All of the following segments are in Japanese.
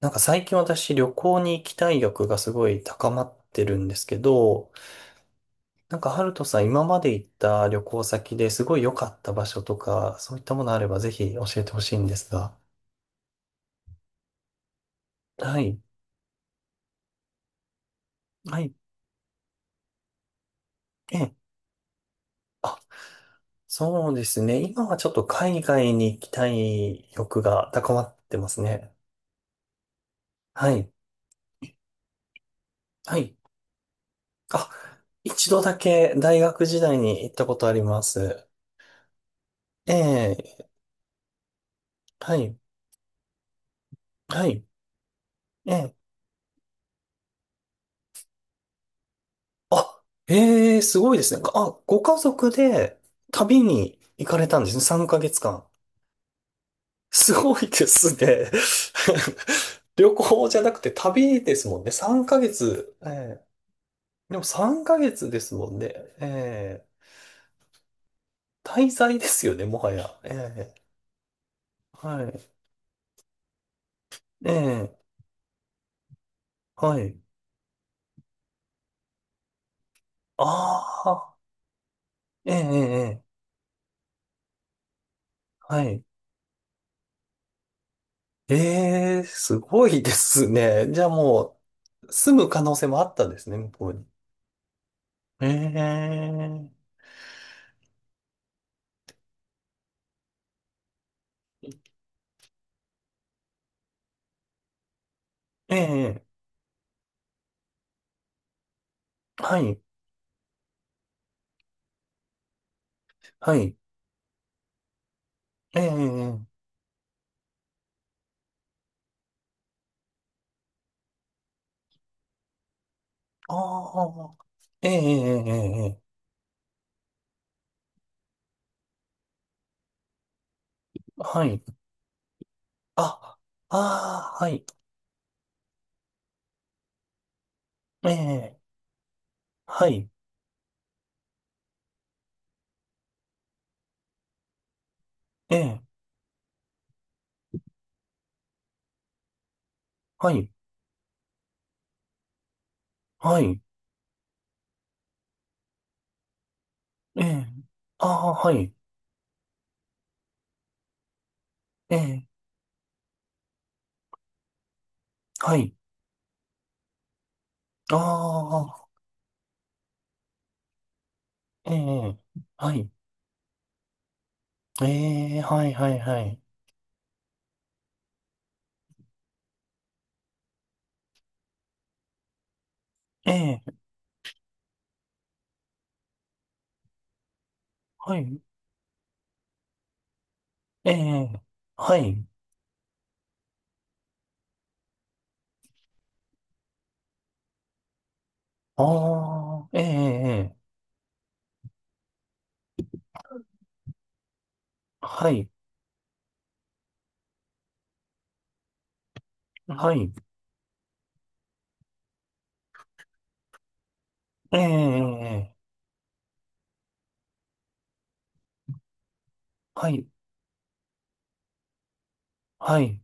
なんか最近私旅行に行きたい欲がすごい高まってるんですけど、なんかハルトさん今まで行った旅行先ですごい良かった場所とか、そういったものあればぜひ教えてほしいんですが。はい。はい。ええ、そうですね。今はちょっと海外に行きたい欲が高まってますね。はい。はい。あ、一度だけ大学時代に行ったことあります。ええ、はい。はい。ええあ、ええ、すごいですね。あ、ご家族で旅に行かれたんですね。3ヶ月間。すごいですね。旅行じゃなくて旅ですもんね。3ヶ月。ええ。でも3ヶ月ですもんね。ええ。滞在ですよね、もはや。ええ。はい。ええ。はい。ああ。ええ、ええ、ええはい。ええ、すごいですね。じゃあもう、住む可能性もあったんですね、向こうに。ええ、ええ、はい、はい、ええ、ああ、ええ、ええ、ええはい、あ、ああ、はい、ええ、はい、ええ、はい、はい、ええ、ああ、はい、ええ、はい、ああ、ええ、はい、ええ、はい、はい、はい、ええ、はい、ええ、はい、ああ、ええ、はい、はい、ええ、はい、はい、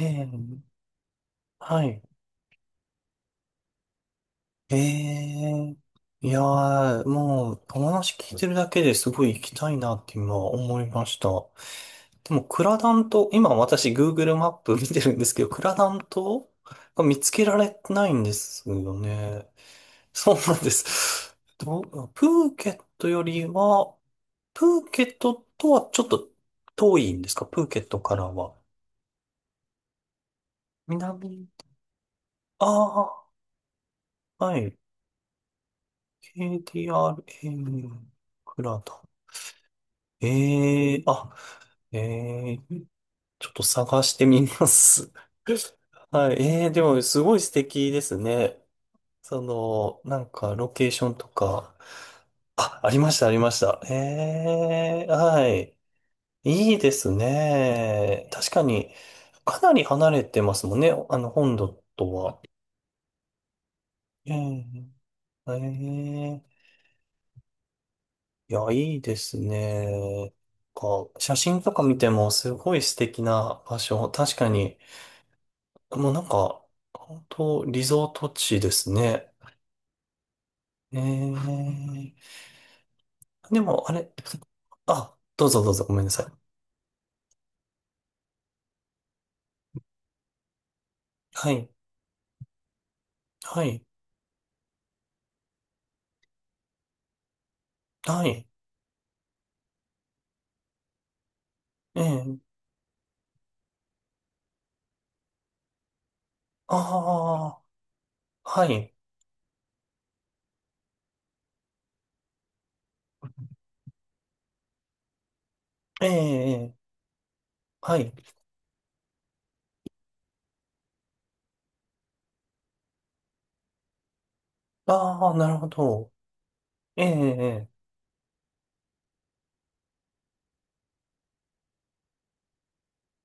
ええ、はい。ええ、いやー、もう、お話聞いてるだけですごい行きたいなって今思いました。でも、クラダン島、今私 Google マップ 見てるんですけど、クラダン島が見つけられてないんですよね。そうなんです。どうプーケットよりは、プーケットとはちょっと遠いんですかプーケットからは。南、ああ、はい。KDRA クラド。ええあ、ええちょっと探してみます。はい。ええでも、すごい素敵ですね。その、なんか、ロケーションとか。あ、ありました、ありました。ええはい。いいですね。確かに、かなり離れてますもんね。あの、本土とは。ええええいや、いいですね。か、写真とか見てもすごい素敵な場所。確かに、もうなんか、本当リゾート地ですね。えー、でも、あれ、あ、どうぞどうぞ、ごめんなさい。はい、はい、はい、ええああー、はい、ええはい、ああ、なるほど、ええええ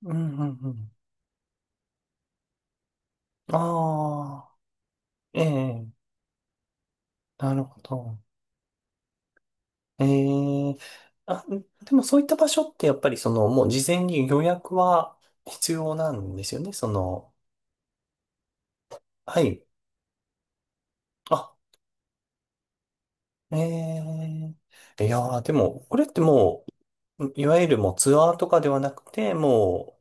うん、うん、うん、ああ、ええなるほど、ええあ、でもそういった場所ってやっぱりそのもう事前に予約は必要なんですよね。その、はい。あ、ええいやー、でもこれってもう、いわゆるもうツアーとかではなくて、も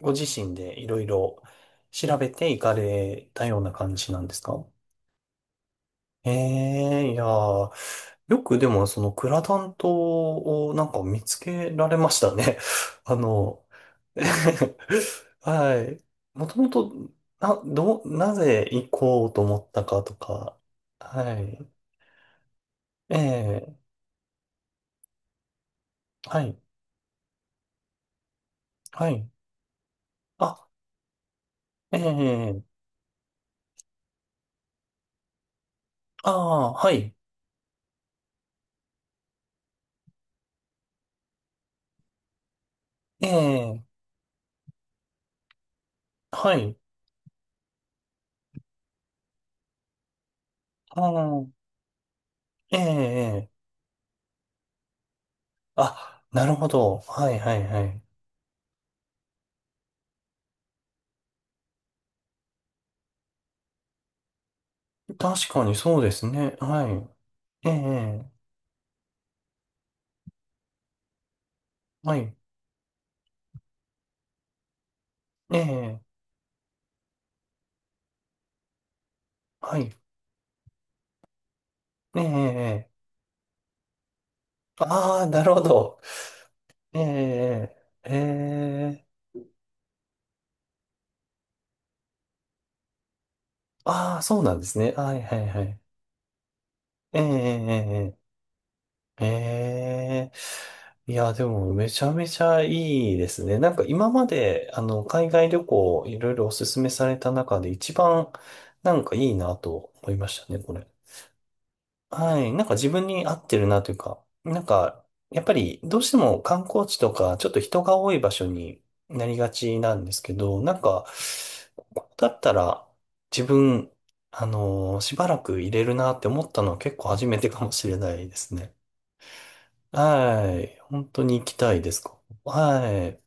うご自身でいろいろ調べて行かれたような感じなんですかええいやー、よくでもそのクラダン島をなんか見つけられましたね。あの、はい。もともと、な、どう、なぜ行こうと思ったかとか。はい。ええ、はい。はい。あ、ええ、ああ、はい。ええ、はい。ああ、ええ、あ、なるほど。はい、はい、はい。確かにそうですね。はい。ええ、はい。ええ、はい。ええ、ああ、なるほど。ええ、ええ、ああ、そうなんですね。はいはいはい。ええええええ。ええいや、でもめちゃめちゃいいですね。なんか今まで、あの、海外旅行いろいろおすすめされた中で一番なんかいいなと思いましたね、これ。はい。なんか自分に合ってるなというか、なんか、やっぱりどうしても観光地とか、ちょっと人が多い場所になりがちなんですけど、なんか、ここだったら自分、しばらく入れるなって思ったのは結構初めてかもしれないですね。はい。本当に行きたいですかはい。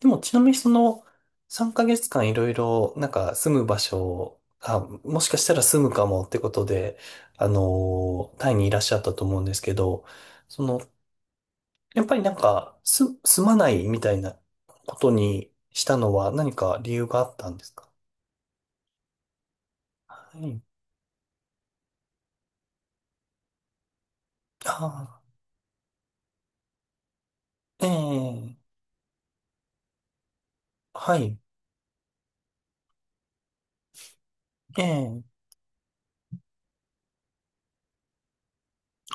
でもちなみにその3ヶ月間いろいろなんか住む場所がもしかしたら住むかもってことで、タイにいらっしゃったと思うんですけど、その、やっぱりなんかす住まないみたいなことにしたのは何か理由があったんですかはい。ああ、ええ、はい。ええ、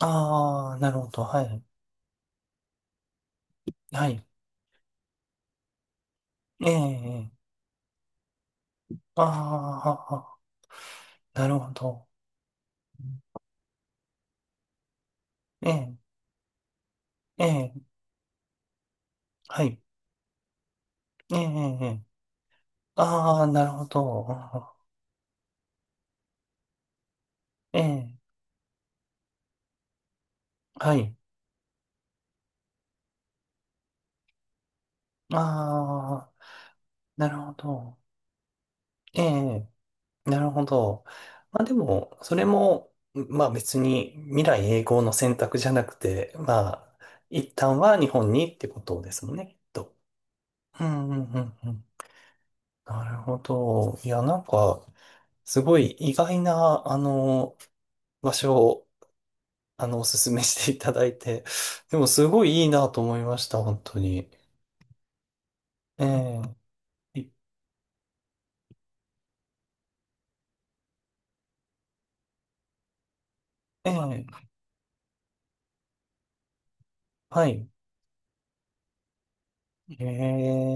ああ、なるほど。はい。はい。ええ、ああ、なるほど。ええ、ええ、はい。ええ、ええああ、なるほど。うんええ、はい。ああ、なるほど。ええ、なるほど。まあでも、それも、まあ別に未来永劫の選択じゃなくて、まあ、一旦は日本にってことですもんね、きっと。うんうんうんうん。なるほど。いや、なんか、すごい意外な、あの、場所を、あの、おすすめしていただいて、でもすごいいいなと思いました、本当に。ええええはい。え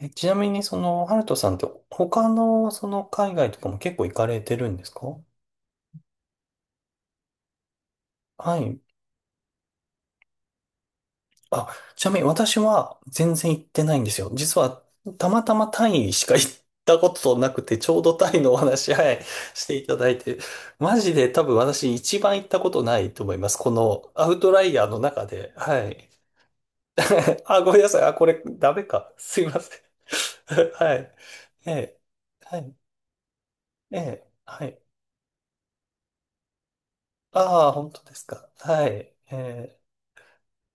ー、え、ちなみに、その、ハルトさんって、他の、その、海外とかも結構行かれてるんですかはい。あ、ちなみに、私は全然行ってないんですよ。実は、たまたまタイしか行ったことなくて、ちょうどタイのお話、はい、していただいて、マジで多分私一番行ったことないと思います。この、アウトライヤーの中で。はい。あ、ごめんなさい。あ、これ、ダメか。すいません。はい。ええ、はい。ええ、はい。ああ、本当ですか。はい。ええ、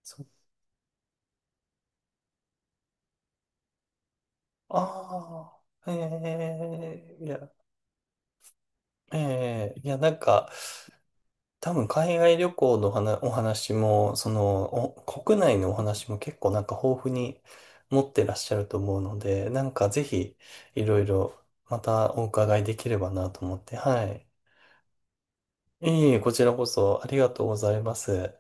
そう。ああ、ええ、いや、ええ、いや、なんか、多分海外旅行の話お話も、その、お国内のお話も結構なんか豊富に持ってらっしゃると思うので、なんかぜひ、いろいろまたお伺いできればなと思って、はい。いえいえ、こちらこそありがとうございます。